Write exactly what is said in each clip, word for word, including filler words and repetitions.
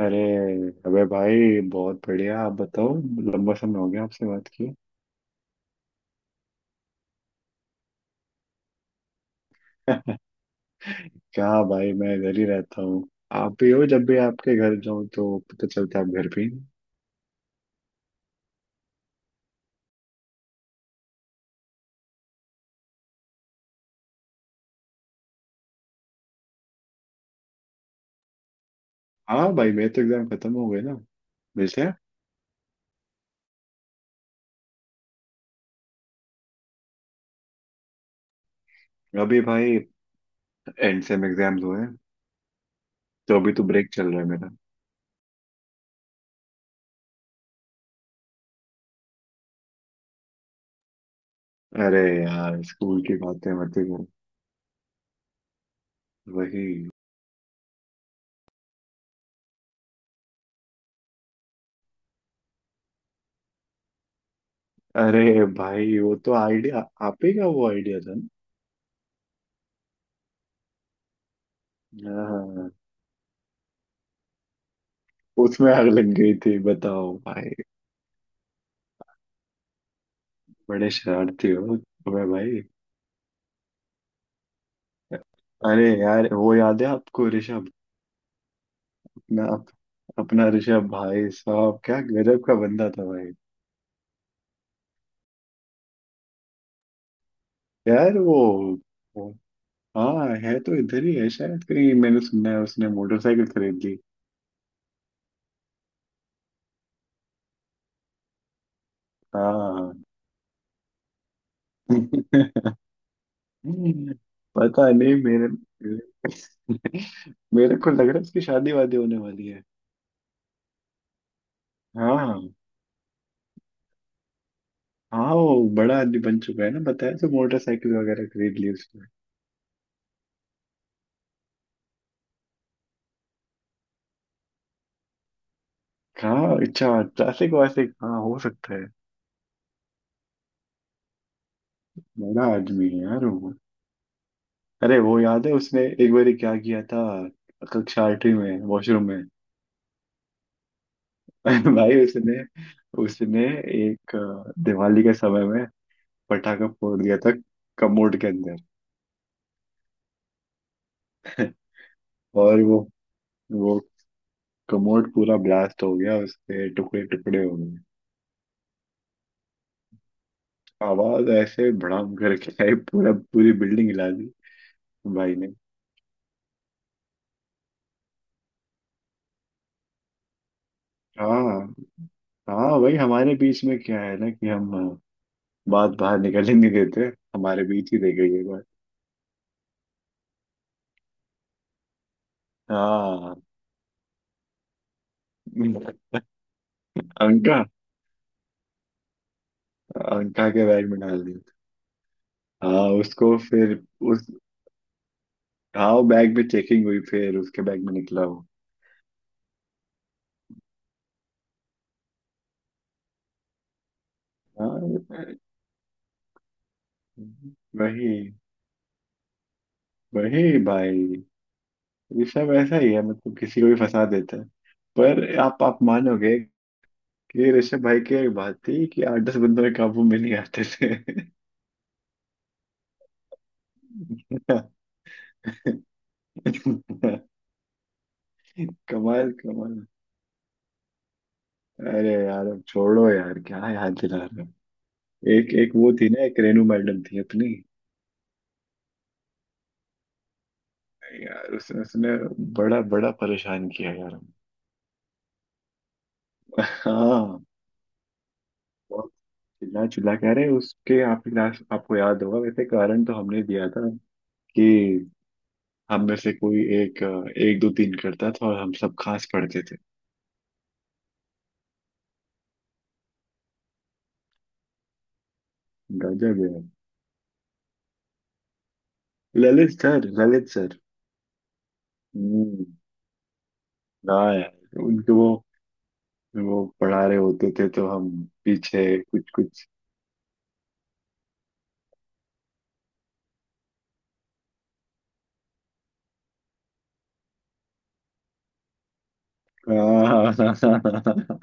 अरे अबे भाई बहुत बढ़िया। आप बताओ। लंबा समय हो गया आपसे बात किए। क्या भाई, मैं घर ही रहता हूँ। आप भी हो, जब भी आपके घर जाऊँ तो पता चलता है आप घर भी हैं। हाँ भाई, मेरे तो एग्जाम खत्म हो गए ना, मिलते हैं। अभी भाई एंड सेम एग्जाम्स हुए हैं, तो अभी तो ब्रेक चल रहा है मेरा। अरे यार, स्कूल की बातें मत ही करो। वही। अरे भाई वो तो आइडिया आप ही का वो आइडिया था ना। हाँ, उसमें आग लग गई थी बताओ भाई। बड़े शरारती हो। वह भाई। अरे यार, वो याद है आपको ऋषभ? अपना अपना ऋषभ भाई साहब क्या गजब का बंदा था भाई। यार वो वो- हाँ, है तो इधर ही है शायद। कहीं मैंने सुना है उसने मोटरसाइकिल खरीद ली। हाँ। पता नहीं, मेरे मेरे को लग रहा है उसकी शादी वादी होने वाली है। हाँ। हाँ, वो बड़ा आदमी बन चुका है ना, बताया तो मोटरसाइकिल वगैरह खरीद ली। हाँ अच्छा। ट्रैफिक वैफिक, हाँ, हो सकता है। बड़ा आदमी है यार वो। अरे वो याद है उसने एक बार क्या किया था? कक्षा आठवीं में वॉशरूम में। भाई उसने उसने एक अ, दिवाली के समय में पटाखा फोड़ दिया था कमोड के अंदर। और वो वो कमोड पूरा ब्लास्ट हो गया, उसके टुकड़े टुकड़े हो गए। आवाज ऐसे भड़ाम करके आई, पूरा पूरी बिल्डिंग हिला दी भाई ने। हाँ। हाँ भाई, हमारे बीच में क्या है ना, कि हम बात बाहर निकलने नहीं देते, हमारे बीच ही रह गई एक बार। हाँ। अंका। अंका के बैग में डाल दिया था। हाँ, उसको फिर। उस, हाँ, वो बैग में चेकिंग हुई, फिर उसके बैग में निकला वो। हाँ। वही वही भाई, ऋषभ ऐसा ही है, मतलब किसी को भी फंसा देता है। पर आप आप मानोगे कि ऋषभ भाई की एक बात थी कि आठ दस बंदों के काबू में नहीं आते थे। कमाल कमाल। अरे यार अब छोड़ो यार, क्या याद दिला रहे हो। एक एक वो थी ना, एक रेनू मैडम थी अपनी। यार उसने उसने बड़ा बड़ा परेशान किया यार हमको। हाँ। बहुत चिल्ला चिल्ला कह रहे हैं उसके। आप क्लास आपको याद होगा, वैसे कारण तो हमने दिया था कि हम में से कोई एक, अ, एक दो तीन करता था और हम सब खास पढ़ते थे। गजब यार। Lalit sir, Lalit sir. हम्म। हाँ यार, उनके वो वो पढ़ा रहे होते थे तो हम पीछे कुछ कुछ। हाँ। हाँ हाँ हाँ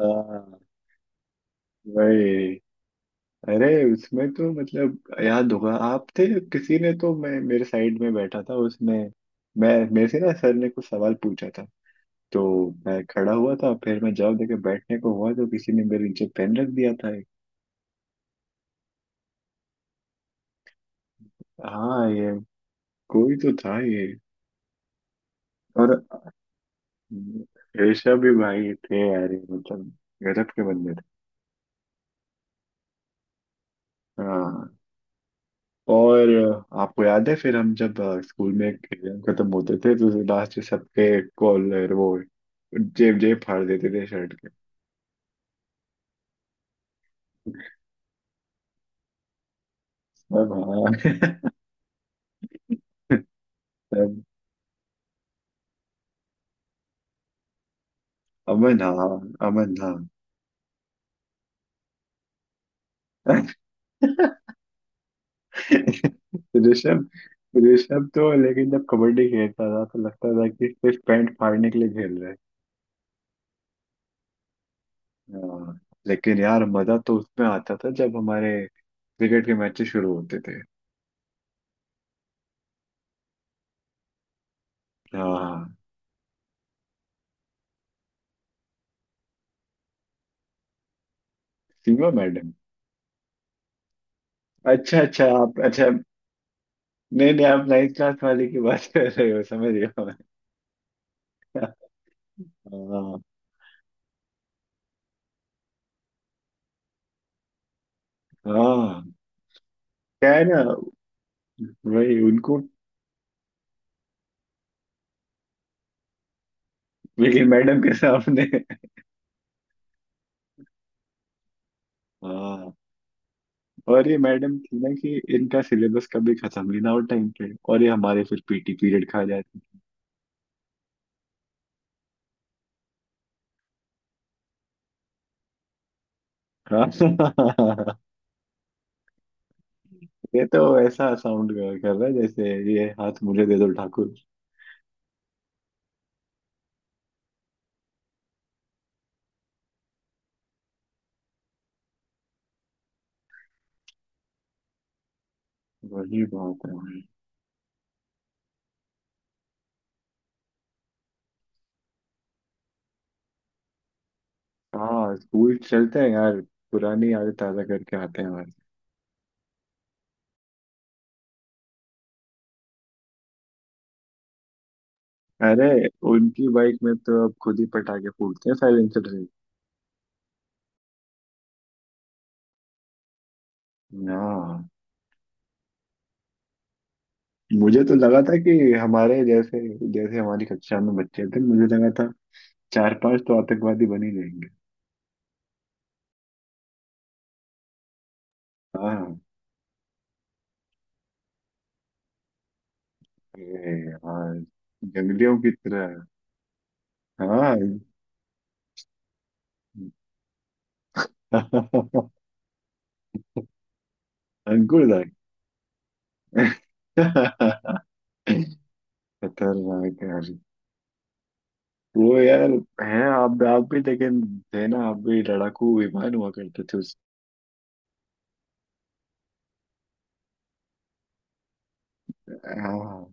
हाँ, हाँ। वही। अरे उसमें तो मतलब याद होगा, आप थे। किसी ने तो, मैं मेरे साइड में बैठा था उसने, मैं मेरे से ना, सर ने कुछ सवाल पूछा था तो मैं खड़ा हुआ था, फिर मैं जवाब देके बैठने को हुआ तो किसी ने मेरे नीचे पेन रख दिया था एक। हाँ ये, कोई तो था ये। और ऋषभ भी भाई थे यार, ये मतलब गजब के बंदे थे। हाँ। और आपको याद है फिर हम जब अ, स्कूल में एग्जाम खत्म होते थे, तो लास्ट में सबके कॉलर, वो जेब जेब फाड़ देते थे शर्ट के। सब हाँ। सब। अमन हाँ। अमन हाँ। ऋषभ, ऋषभ तो लेकिन जब कबड्डी खेलता था तो लगता था कि सिर्फ पैंट फाड़ने के लिए खेल रहे हैं। हाँ। लेकिन यार मजा तो उसमें आता था जब हमारे क्रिकेट के मैचेस शुरू होते थे। हाँ। सीमा मैडम। अच्छा अच्छा, आप अच्छा नहीं नहीं, आप नाइन्थ क्लास वाले की बात कर रहे हो, समझ गया मैं। हाँ। हाँ क्या है ना। वही उनको। ये मैडम के सामने। हाँ। और ये मैडम थी ना, कि इनका सिलेबस कभी खत्म ही ना हो टाइम पे, और ये हमारे फिर पीटी पीरियड खा जाती। हाँ। ये तो ऐसा साउंड कर कर रहा है जैसे ये, हाथ मुझे दे दो ठाकुर। वही बात है। हाँ, स्कूल चलते हैं यार, पुरानी यादें ताजा करके आते हैं। अरे उनकी बाइक में तो अब खुद ही पटाखे फूटते हैं साइलेंसर से। हाँ। मुझे तो लगा था कि हमारे जैसे, जैसे हमारी कक्षा में बच्चे थे, मुझे लगा था चार पांच तो आतंकवादी बन ही जाएंगे। हाँ। ए, हाँ, जंगलियों की तरह। हाँ। अंकुरदाय। खतरनाक यार। वो यार है, आप आप भी लेकिन थे ना, आप भी लड़ाकू विमान हुआ करते थे उस हाँ।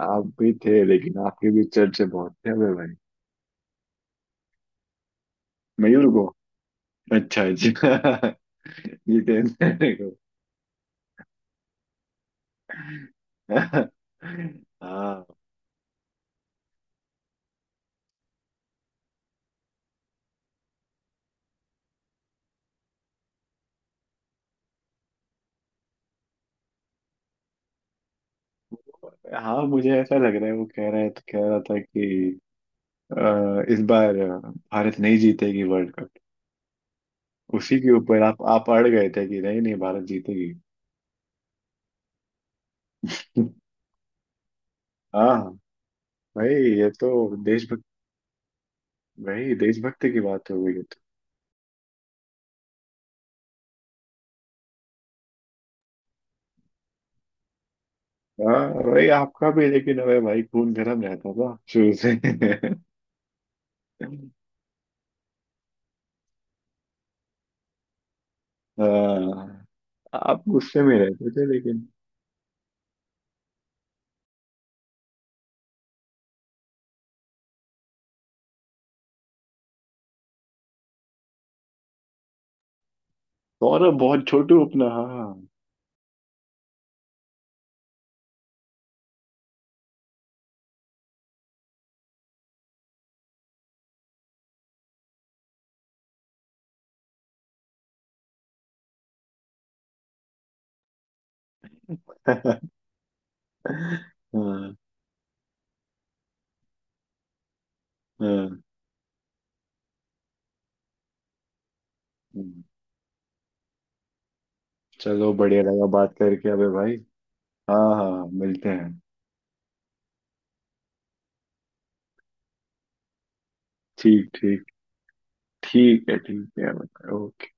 आप भी थे लेकिन आपके भी चर्चे बहुत थे अबे भाई। मयूर को। अच्छा अच्छा। जितेंद्र को। हाँ। हाँ, मुझे ऐसा लग रहा है वो कह रहा है, तो कह रहा था कि अ, इस बार भारत नहीं जीतेगी वर्ल्ड कप। उसी के ऊपर आप आप अड़ गए थे कि नहीं नहीं भारत जीतेगी। हाँ भाई, ये तो देशभक्त। भाई, देशभक्त की बात हो गई ये तो। हाँ भाई आपका भी, लेकिन अबे भाई खून गर्म रहता था शुरू से। हाँ। आप गुस्से में रहते थे लेकिन। सौरभ बहुत छोटू अपना, हाँ। हाँ हाँ। हम्म। चलो, बढ़िया लगा बात करके अबे भाई। हाँ हाँ हाँ, मिलते हैं। ठीक ठीक। ठीक है, ठीक है। ओके।